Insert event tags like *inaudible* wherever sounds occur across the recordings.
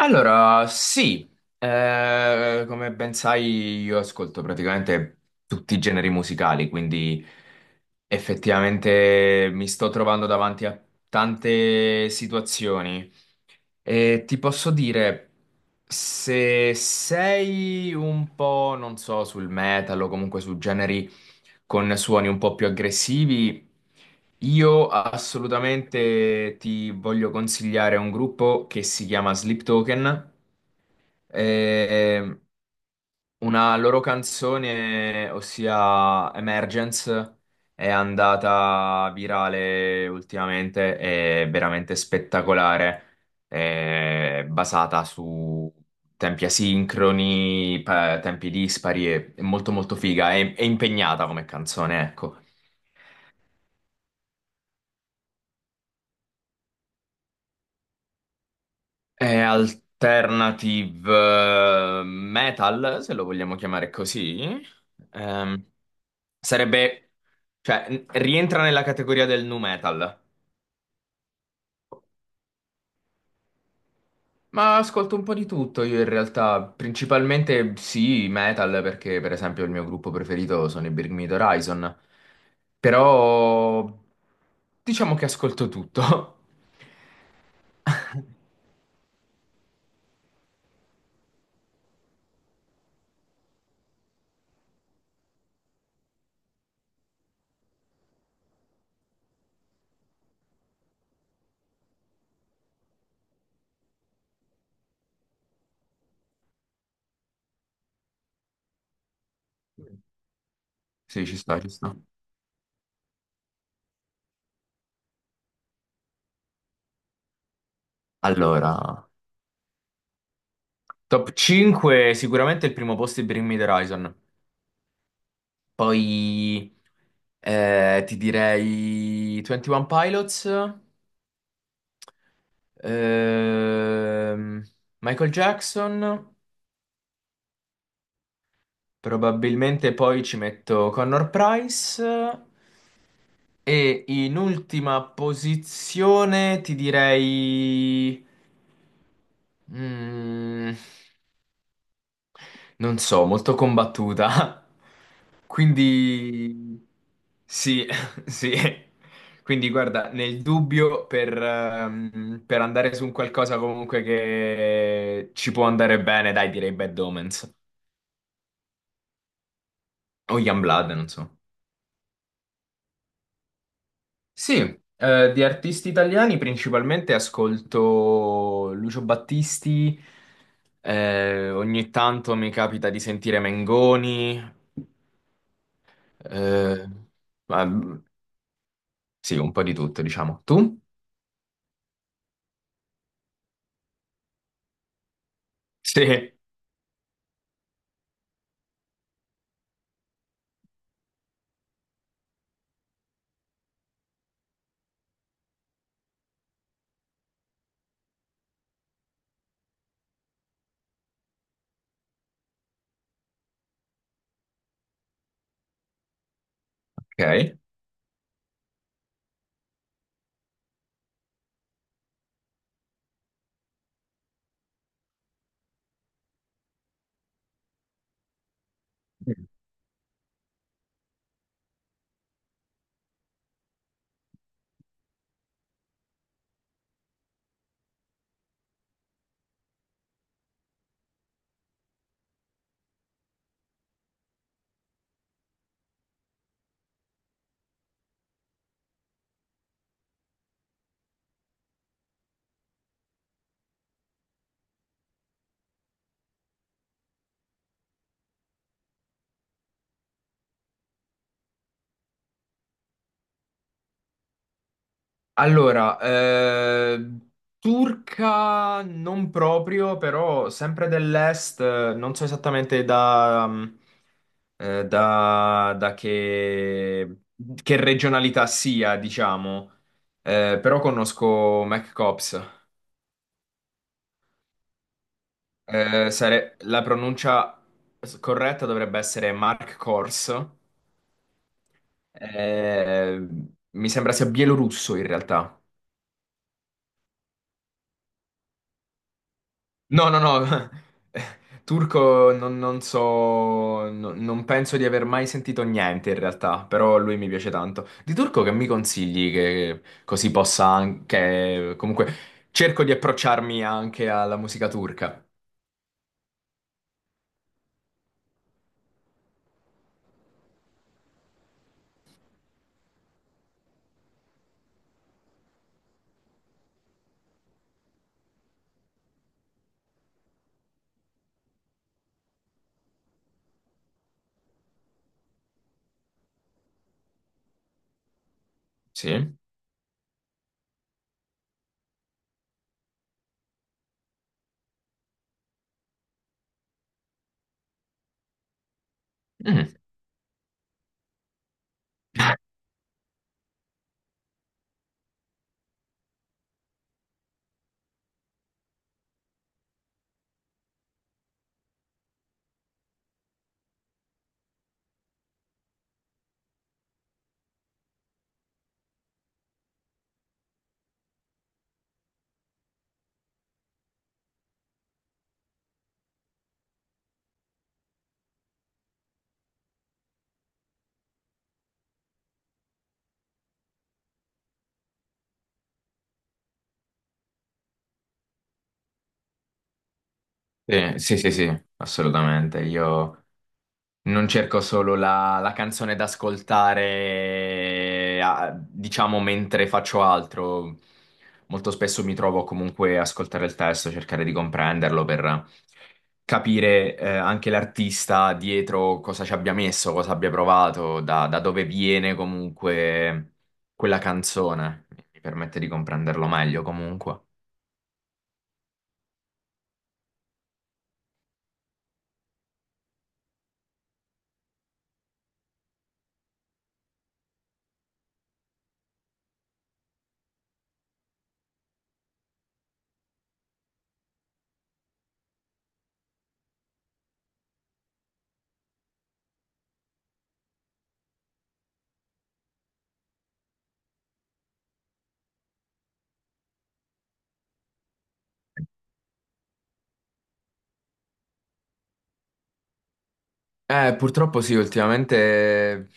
Allora, sì, come ben sai io ascolto praticamente tutti i generi musicali, quindi effettivamente mi sto trovando davanti a tante situazioni e ti posso dire, se sei un po', non so, sul metal o comunque su generi con suoni un po' più aggressivi. Io assolutamente ti voglio consigliare un gruppo che si chiama Sleep Token. Eh, una loro canzone, ossia Emergence, è andata virale ultimamente, è veramente spettacolare, è basata su tempi asincroni, tempi dispari, è molto molto figa, è impegnata come canzone, ecco. È alternative metal, se lo vogliamo chiamare così. Ehm, Sarebbe, cioè, rientra nella categoria del nu metal. Ma ascolto un po' di tutto io in realtà, principalmente sì, metal, perché per esempio il mio gruppo preferito sono i Bring Me the Horizon, però diciamo che ascolto tutto. *laughs* Sì, ci sta, ci sta. Allora, top 5, sicuramente il primo posto è Bring Me the Horizon, poi ti direi 21 Pilots, ehm, Michael Jackson. Probabilmente poi ci metto Connor Price e in ultima posizione ti direi, mm, non so, molto combattuta. *laughs* Quindi. Sì, *laughs* sì. Quindi guarda, nel dubbio per andare su un qualcosa comunque che ci può andare bene, dai, direi Bad Omens. O Youngblood, non so. Sì, di artisti italiani principalmente ascolto Lucio Battisti, ogni tanto mi capita di sentire Mengoni, eh, ma, sì, un po' di tutto, diciamo. Tu? Sì, ok. Allora, turca non proprio, però sempre dell'est, non so esattamente da, da che regionalità sia, diciamo. Però conosco McCops. La pronuncia corretta dovrebbe essere Mark Kors. Eh, mi sembra sia bielorusso in realtà. No, no, no. *laughs* Turco non so, non penso di aver mai sentito niente in realtà, però lui mi piace tanto. Di turco che mi consigli che così possa anche, comunque, cerco di approcciarmi anche alla musica turca. Sì? Mm. Sì, sì, sì, sì, assolutamente. Io non cerco solo la, canzone da ascoltare, diciamo, mentre faccio altro. Molto spesso mi trovo comunque a ascoltare il testo, cercare di comprenderlo per capire, anche l'artista dietro cosa ci abbia messo, cosa abbia provato, da dove viene comunque quella canzone. Mi permette di comprenderlo meglio comunque. Purtroppo sì, ultimamente.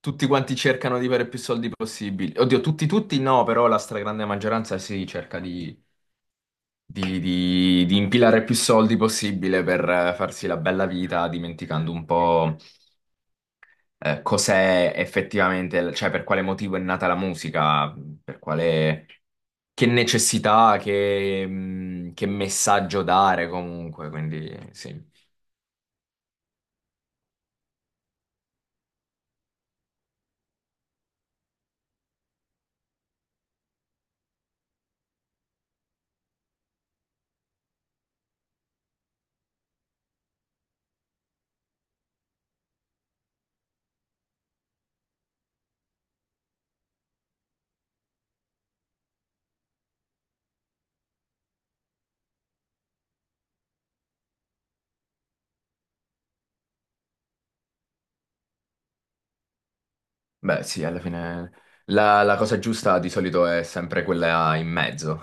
Tutti quanti cercano di avere più soldi possibili. Oddio, tutti, tutti no, però la stragrande maggioranza sì, cerca di impilare più soldi possibile per farsi la bella vita, dimenticando un po' cos'è effettivamente, cioè per quale motivo è nata la musica, per quale, che necessità, che messaggio dare comunque. Quindi sì, beh sì, alla fine la cosa giusta di solito è sempre quella in mezzo.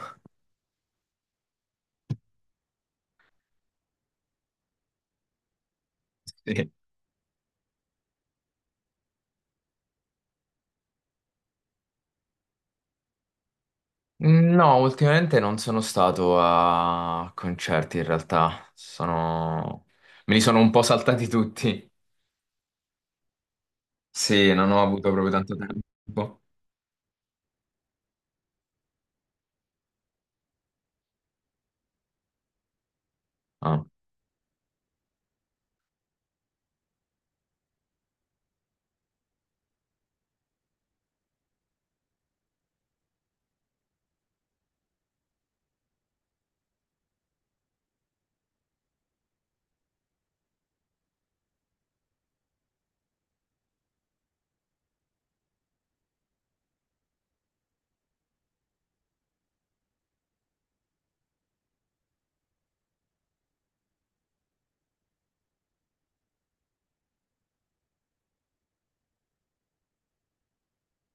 *laughs* Sì. No, ultimamente non sono stato a concerti in realtà, me li sono un po' saltati tutti. Sì, non ho avuto proprio tanto tempo. Ah.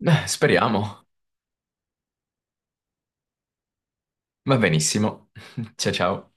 Speriamo. Va benissimo. *laughs* Ciao ciao.